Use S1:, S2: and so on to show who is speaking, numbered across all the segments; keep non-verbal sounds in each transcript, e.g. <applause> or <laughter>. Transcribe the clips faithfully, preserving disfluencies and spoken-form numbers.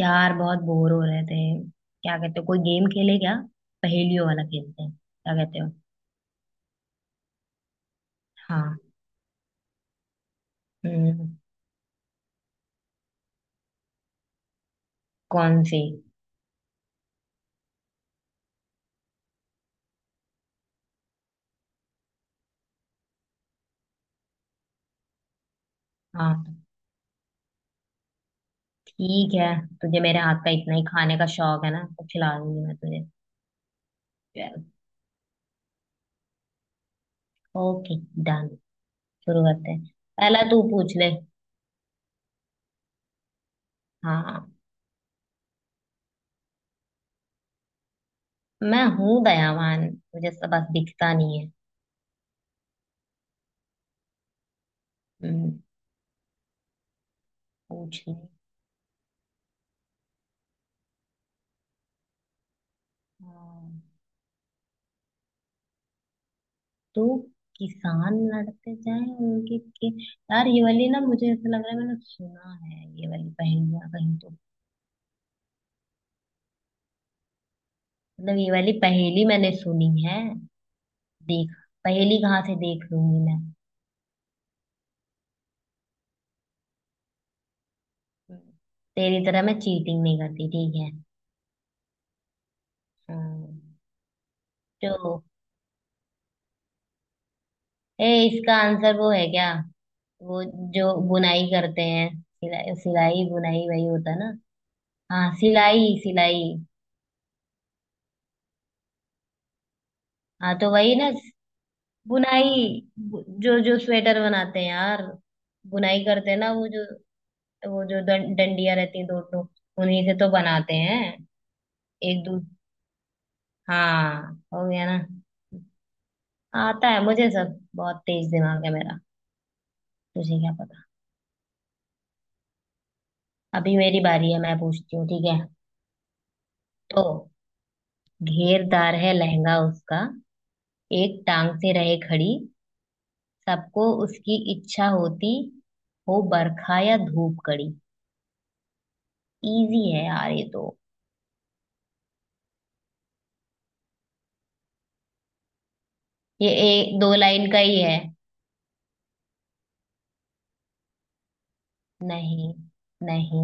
S1: यार बहुत बोर हो रहे थे। क्या कहते हो, कोई गेम खेले क्या? पहेलियों वाला खेलते हैं, क्या कहते हो? हाँ। हम्म। कौन सी? हाँ तो ठीक है। तुझे मेरे हाथ का इतना ही खाने का शौक है ना, तो खिला दूंगी मैं तुझे। चल, ओके, डन। शुरू करते हैं। पहला तू पूछ ले। हाँ। मैं हूँ दयावान। मुझे सब बस दिखता नहीं है। हम्म। पूछ ले। हाँ। तो किसान लड़ते जाएं उनके के यार, ये वाली ना, मुझे ऐसा लग रहा है मैंने सुना है ये वाली पहेलियां कहीं तो। मतलब ये वाली पहेली मैंने सुनी है। देख, पहेली कहाँ से देख लूंगी मैं। तेरी तरह मैं चीटिंग नहीं करती, ठीक है। हाँ। तो ए, इसका आंसर वो है क्या? वो जो बुनाई करते हैं। सिलाई सिलाई बुनाई वही होता है ना? हाँ, सिलाई सिलाई। हाँ तो वही ना। बुनाई। बु- जो जो स्वेटर बनाते हैं यार, बुनाई करते हैं ना वो जो, वो जो डं- डंडियां रहती हैं दो दो, उन्हीं से तो बनाते हैं। एक दू हाँ, हो गया ना। आता है मुझे सब, बहुत तेज दिमाग है मेरा। तुझे क्या पता। अभी मेरी बारी है, मैं पूछती हूँ, ठीक है। तो घेरदार है लहंगा उसका, एक टांग से रहे खड़ी, सबको उसकी इच्छा होती, हो बरखा या धूप कड़ी। इजी है यार ये तो। ये एक दो लाइन का ही है। नहीं, नहीं।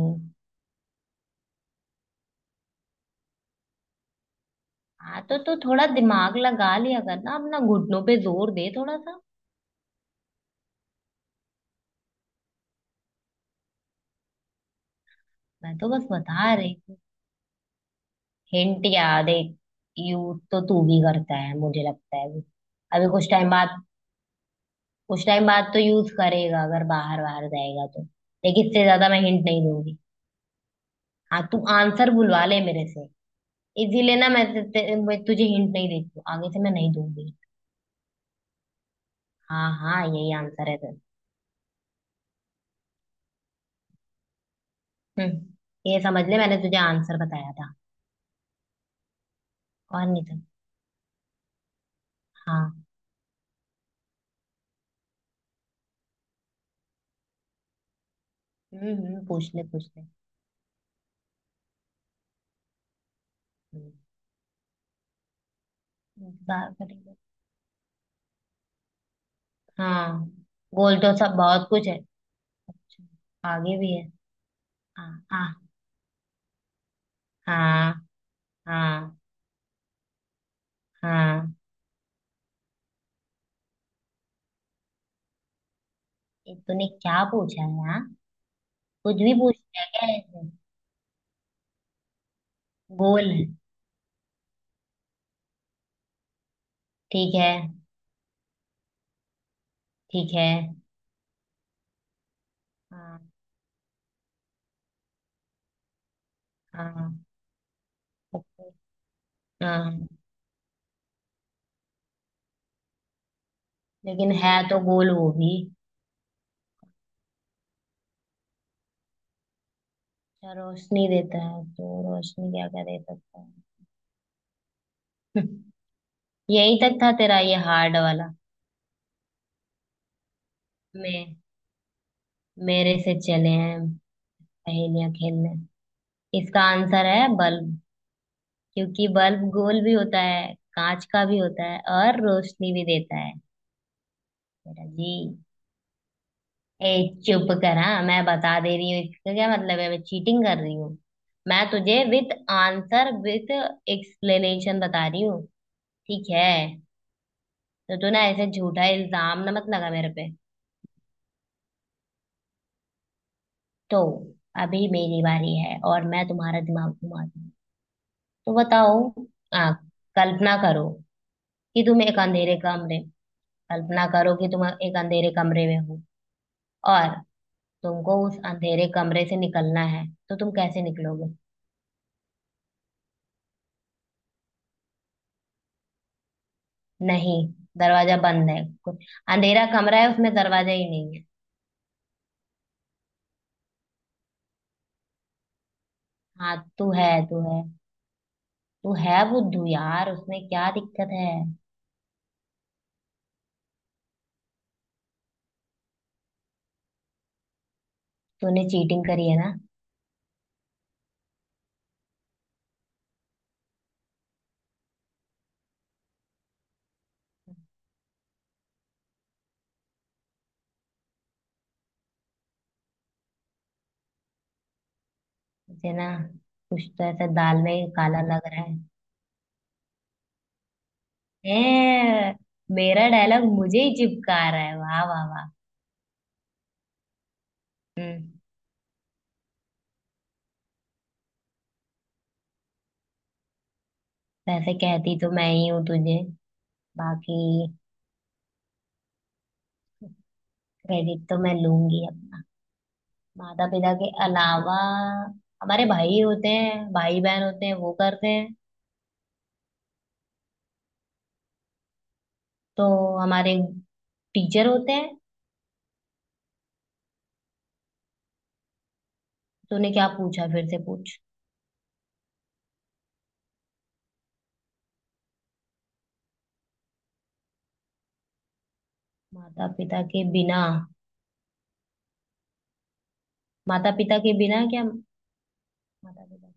S1: हाँ तो तू थोड़ा दिमाग लगा लिया कर ना अपना, घुटनों पे जोर दे थोड़ा सा। मैं तो बस बता रही हूँ। हिंट याद है। यूज तो तू भी करता है, मुझे लगता है अभी, अभी कुछ टाइम बाद, कुछ टाइम बाद तो यूज करेगा, अगर बाहर बाहर जाएगा तो। लेकिन इससे ज्यादा मैं हिंट नहीं दूंगी। हाँ, तू आंसर बुलवा ले मेरे से। इसीलिए ना मैं, ते, ते, मैं तुझे हिंट नहीं देती हूँ, आगे से मैं नहीं दूंगी। हाँ हाँ, यही आंसर है तेरा। हम्म। ये समझ ले, मैंने तुझे आंसर बताया था। और नहीं तो। हाँ। हम्म, हम्म, पूछ ले पूछ ले। हम्म। इंतजार करेंगे। हाँ। बोल तो सब बहुत कुछ है। आगे भी है। हाँ हाँ। हाँ। हाँ। हाँ, ये तूने क्या पूछा है? हाँ। कुछ भी पूछ लिया क्या ऐसे। बोल। ठीक है। ठीक है। हाँ। हाँ। ओके। हाँ। लेकिन है तो गोल वो भी। अच्छा, रोशनी देता है, तो रोशनी क्या क्या दे सकता है <laughs> यही तक था तेरा ये हार्ड वाला। मैं मेरे से चले हैं पहेलियां खेलने। इसका आंसर है बल्ब, क्योंकि बल्ब गोल भी होता है, कांच का भी होता है, और रोशनी भी देता है। मेरा जी। ए, चुप करा, मैं बता दे रही हूँ इसका क्या मतलब है, मैं चीटिंग कर रही हूँ? मैं तुझे विथ आंसर विथ एक्सप्लेनेशन बता रही हूँ। ठीक है। तो तू ना ऐसे झूठा इल्जाम ना मत लगा मेरे पे। तो अभी मेरी बारी है, और मैं तुम्हारा दिमाग घुमा दूंगी। तो बताओ। आ कल्पना करो कि तुम एक अंधेरे कमरे कल्पना करो कि तुम एक अंधेरे कमरे में हो। और तुमको उस अंधेरे कमरे से निकलना है, तो तुम कैसे निकलोगे? नहीं, दरवाजा बंद है। को- अंधेरा कमरा है, उसमें दरवाजा ही नहीं है। हाँ, तू है तू है तू है बुद्धू यार, उसमें क्या दिक्कत है। तूने चीटिंग करी है ना। मुझे ना, कुछ तो ऐसा दाल में काला लग रहा है। ए, मेरा डायलॉग मुझे ही चिपका रहा है, वाह वाह वाह। हम्म। वैसे कहती तो मैं ही हूँ तुझे। बाकी। क्रेडिट तो मैं लूंगी अपना। माता पिता के अलावा हमारे भाई होते हैं, भाई बहन होते हैं, वो करते हैं। तो हमारे टीचर होते हैं। तूने क्या पूछा, फिर से पूछ। माता पिता के बिना। माता पिता के बिना क्या? माता पिता।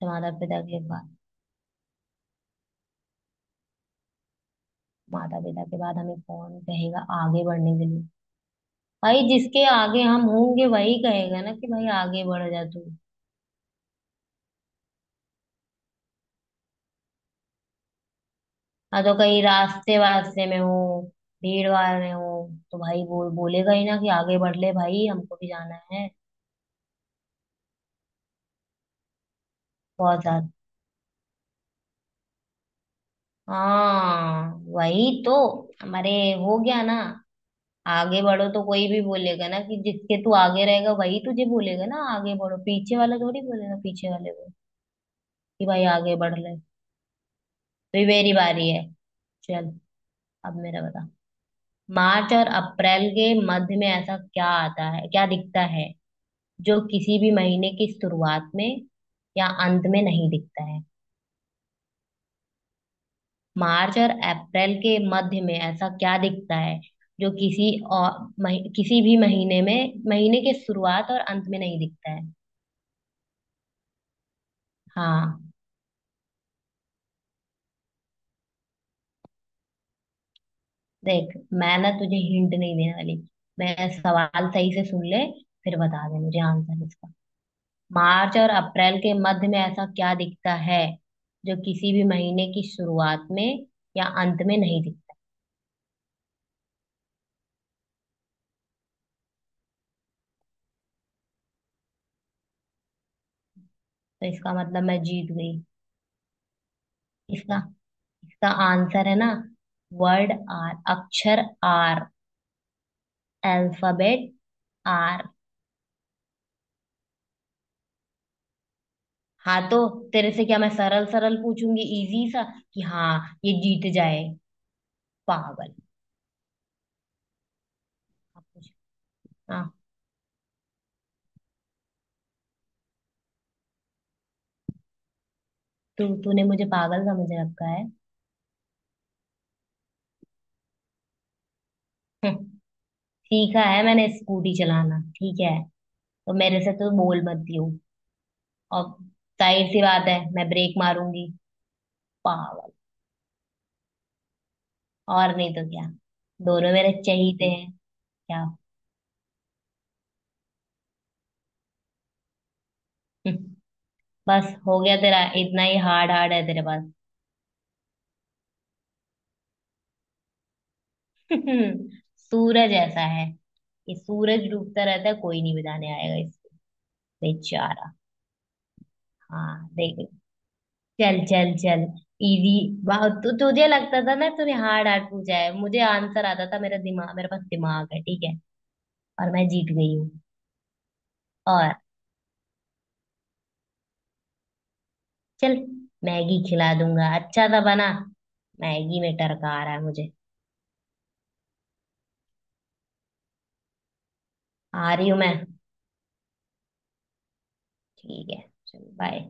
S1: तो माता पिता के बाद, माता पिता के बाद हमें कौन कहेगा आगे बढ़ने के लिए? भाई, जिसके आगे हम होंगे वही कहेगा ना कि भाई आगे बढ़ जा तू। हाँ तो कहीं रास्ते वास्ते में हो, भीड़ भाड़ में हो, तो भाई बोल बोलेगा ही ना कि आगे बढ़ ले भाई, हमको भी जाना है। बहुत ज्यादा। हाँ वही तो। हमारे। हो गया ना। आगे बढ़ो तो कोई भी बोलेगा ना, कि जिसके तू आगे रहेगा वही तुझे बोलेगा ना आगे बढ़ो, पीछे वाला थोड़ी बोलेगा पीछे वाले को कि भाई आगे बढ़ ले। तो ये मेरी बारी है। चल। अब मेरा बता। मार्च और अप्रैल के मध्य में ऐसा क्या आता है, क्या दिखता है जो किसी भी महीने की शुरुआत में या अंत में नहीं दिखता है? मार्च और अप्रैल के मध्य में ऐसा क्या दिखता है जो किसी और मही, किसी भी महीने में महीने के शुरुआत और अंत में नहीं दिखता है? हाँ देख, मैं ना तुझे हिंट नहीं देने वाली, मैं सवाल सही से सुन ले, फिर बता दे मुझे आंसर इसका। मार्च और अप्रैल के मध्य में ऐसा क्या दिखता है जो किसी भी महीने की शुरुआत में या अंत में नहीं दिखता? तो इसका मतलब मैं जीत गई। इसका, इसका आंसर है ना, वर्ड आर, अक्षर आर, अल्फाबेट आर। हाँ तो तेरे से क्या मैं सरल सरल पूछूंगी, इजी सा, कि हाँ, ये जीत जाए। पागल। अब पूछ- हाँ, तू तूने मुझे पागल समझ रखा है। हम्म, सीखा है मैंने स्कूटी चलाना, ठीक है, तो मेरे से तो बोल मत दियो। और जाहिर सी बात है, मैं ब्रेक मारूंगी। पागल। और नहीं तो क्या। दोनों मेरे चहीते हैं। क्या। <laughs> बस हो गया तेरा, इतना ही हार्ड हार्ड है तेरे पास। <laughs> सूरज ऐसा है कि सूरज डूबता रहता है, कोई नहीं बचाने आएगा इसको बेचारा। हाँ देख, चल चल चल, इजी, बहुत तु, तुझे लगता था ना तूने हार्ड हार्ड पूछा है, मुझे आंसर आता था, मेरा दिमाग, मेरे पास दिमाग है, ठीक है। और मैं जीत गई हूँ। और चल, मैगी खिला दूंगा अच्छा था, बना। मैगी में टरका आ रहा है मुझे। आ रही हूँ मैं। ठीक है, चल, बाय।